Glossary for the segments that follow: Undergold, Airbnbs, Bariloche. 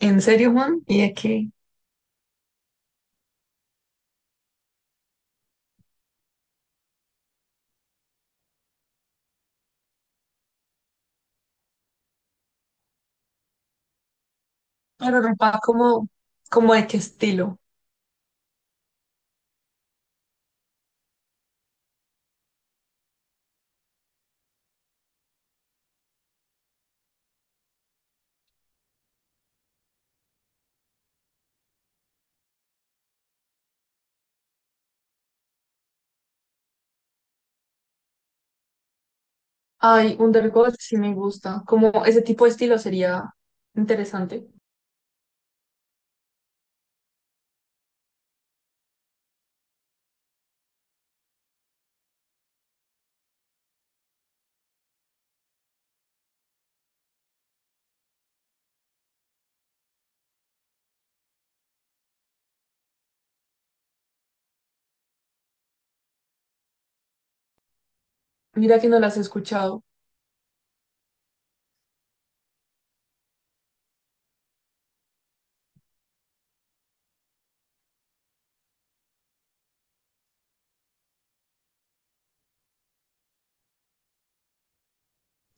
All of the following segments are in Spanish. ¿En serio, Juan? ¿Y de qué? Pero ropa como, como de qué estilo. Ay, Undergold sí me gusta. Como ese tipo de estilo sería interesante. Mira que no las he escuchado.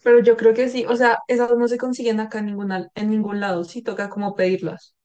Pero yo creo que sí. O sea, esas no se consiguen acá en ningún lado. Sí, toca como pedirlas.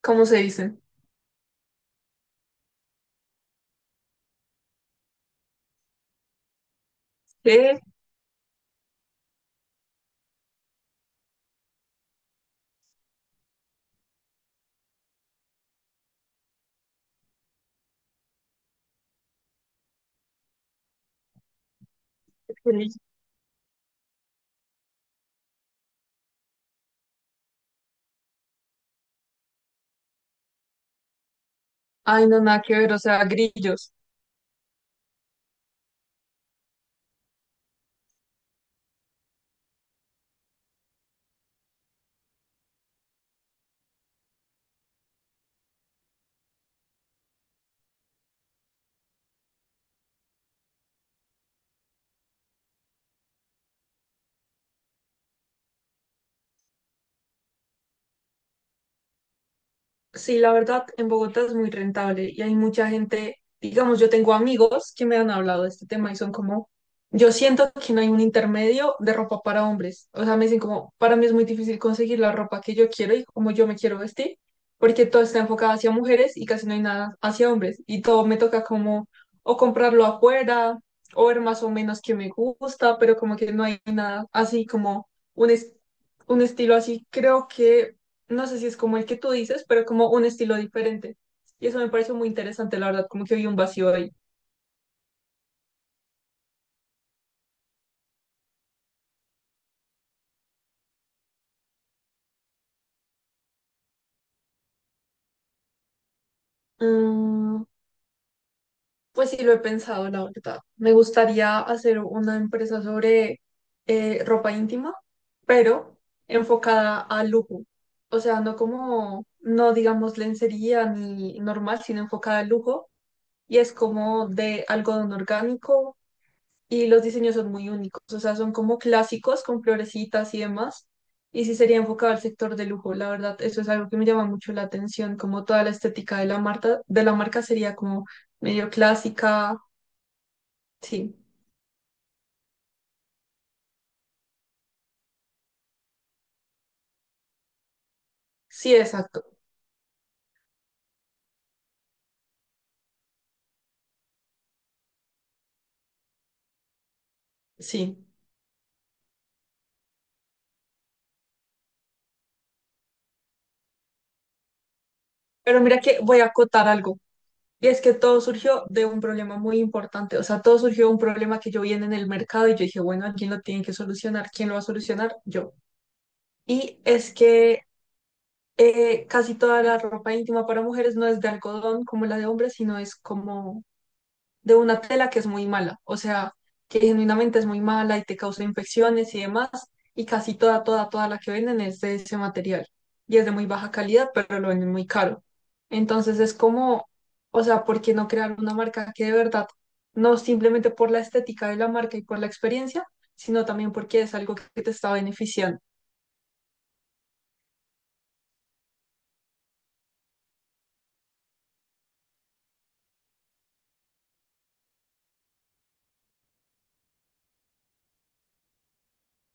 ¿Cómo se dicen? ¿Qué? Ay, no, nada que ver. O sea, grillos. Sí, la verdad, en Bogotá es muy rentable y hay mucha gente, digamos, yo tengo amigos que me han hablado de este tema y son como, yo siento que no hay un intermedio de ropa para hombres. O sea, me dicen como, para mí es muy difícil conseguir la ropa que yo quiero y como yo me quiero vestir, porque todo está enfocado hacia mujeres y casi no hay nada hacia hombres. Y todo me toca como o comprarlo afuera o ver más o menos que me gusta, pero como que no hay nada así como un, es- un estilo así. Creo que no sé si es como el que tú dices, pero como un estilo diferente. Y eso me pareció muy interesante, la verdad, como que vi un vacío ahí. Mm, pues sí, lo he pensado, la verdad. Me gustaría hacer una empresa sobre ropa íntima, pero enfocada al lujo. O sea, no como, no digamos lencería ni normal, sino enfocada al lujo. Y es como de algodón orgánico, y los diseños son muy únicos, o sea, son como clásicos con florecitas y demás. Y sí sería enfocado al sector de lujo, la verdad, eso es algo que me llama mucho la atención, como toda la estética de la marca sería como medio clásica, sí, sí, exacto, sí. Pero mira que voy a acotar algo, y es que todo surgió de un problema muy importante, o sea, todo surgió de un problema que yo vi en el mercado y yo dije, bueno, alguien lo tiene que solucionar, ¿quién lo va a solucionar? Yo. Y es que casi toda la ropa íntima para mujeres no es de algodón como la de hombres, sino es como de una tela que es muy mala, o sea, que genuinamente es muy mala y te causa infecciones y demás, y casi toda, toda, toda la que venden es de ese material. Y es de muy baja calidad, pero lo venden muy caro. Entonces es como, o sea, ¿por qué no crear una marca que de verdad, no simplemente por la estética de la marca y por la experiencia, sino también porque es algo que te está beneficiando?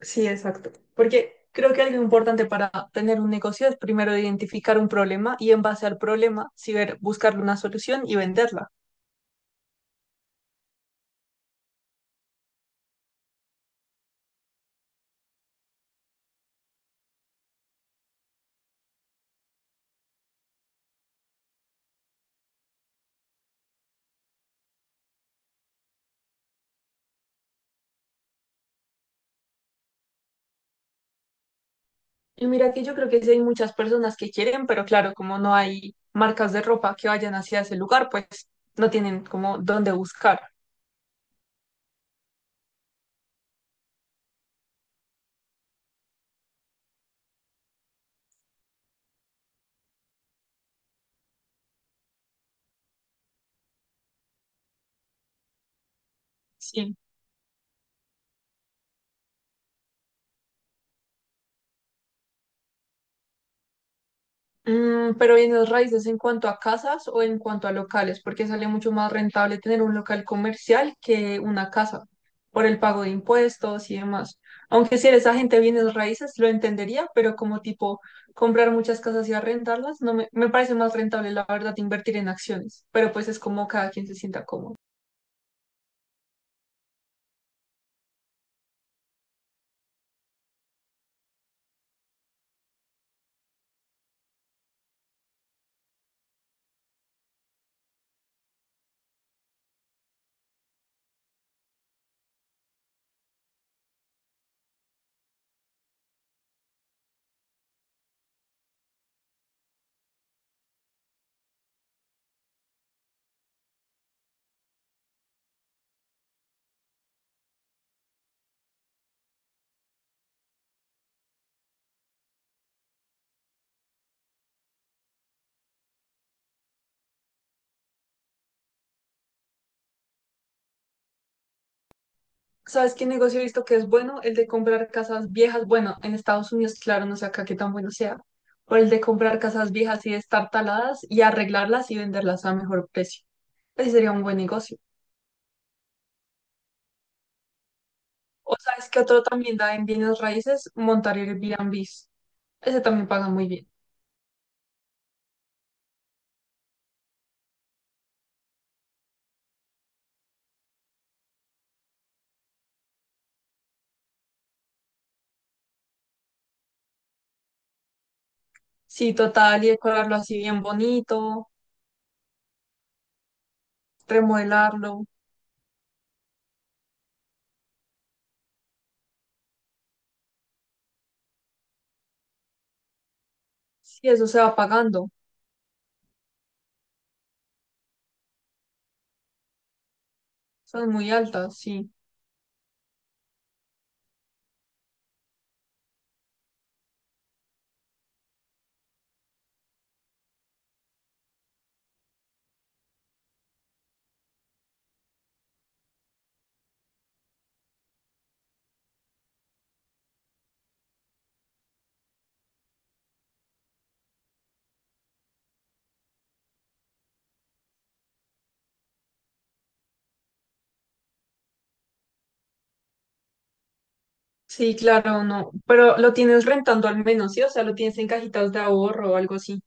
Sí, exacto. Porque creo que algo importante para tener un negocio es primero identificar un problema y en base al problema, sí ver, buscarle una solución y venderla. Y mira que yo creo que sí hay muchas personas que quieren, pero claro, como no hay marcas de ropa que vayan hacia ese lugar, pues no tienen como dónde buscar. Sí. Mm, pero bienes raíces en cuanto a casas o en cuanto a locales, porque sale mucho más rentable tener un local comercial que una casa, por el pago de impuestos y demás. Aunque si eres agente de bienes raíces, lo entendería, pero como tipo comprar muchas casas y arrendarlas, no me, me parece más rentable, la verdad, invertir en acciones. Pero pues es como cada quien se sienta cómodo. ¿Sabes qué negocio he visto que es bueno? El de comprar casas viejas. Bueno, en Estados Unidos, claro, no sé acá qué tan bueno sea. Pero el de comprar casas viejas y de estar taladas y arreglarlas y venderlas a mejor precio. Ese sería un buen negocio. O sabes que otro también da en bienes raíces, montar Airbnbs. Ese también paga muy bien. Sí, total, y decorarlo así bien bonito, remodelarlo. Sí, eso se va pagando. Son muy altas, sí. Sí, claro, no. Pero lo tienes rentando al menos, ¿sí? O sea, lo tienes en cajitas de ahorro o algo así.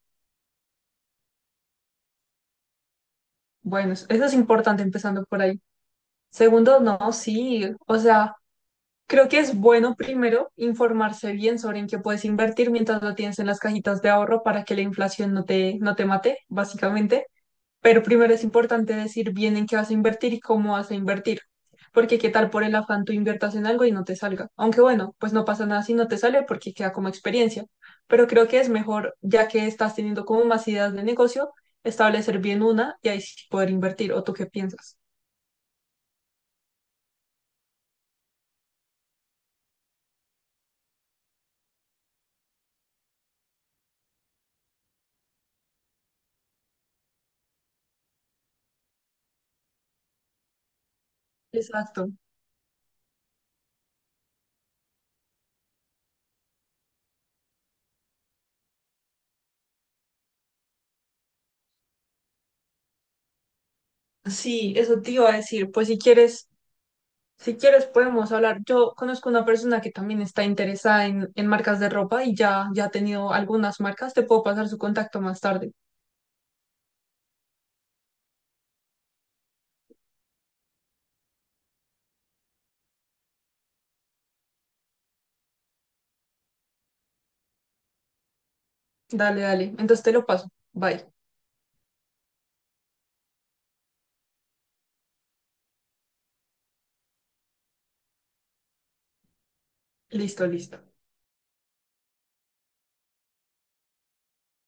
Bueno, eso es importante empezando por ahí. Segundo, no, sí, o sea, creo que es bueno primero informarse bien sobre en qué puedes invertir mientras lo tienes en las cajitas de ahorro para que la inflación no te mate, básicamente. Pero primero es importante decir bien en qué vas a invertir y cómo vas a invertir. Porque qué tal por el afán tú inviertas en algo y no te salga. Aunque bueno, pues no pasa nada si no te sale porque queda como experiencia. Pero creo que es mejor, ya que estás teniendo como más ideas de negocio, establecer bien una y ahí sí poder invertir. ¿O tú qué piensas? Exacto. Sí, eso te iba a decir. Pues si quieres, si quieres podemos hablar. Yo conozco una persona que también está interesada en marcas de ropa y ya ha tenido algunas marcas. Te puedo pasar su contacto más tarde. Dale, dale. Entonces te lo paso. Bye. Listo, listo.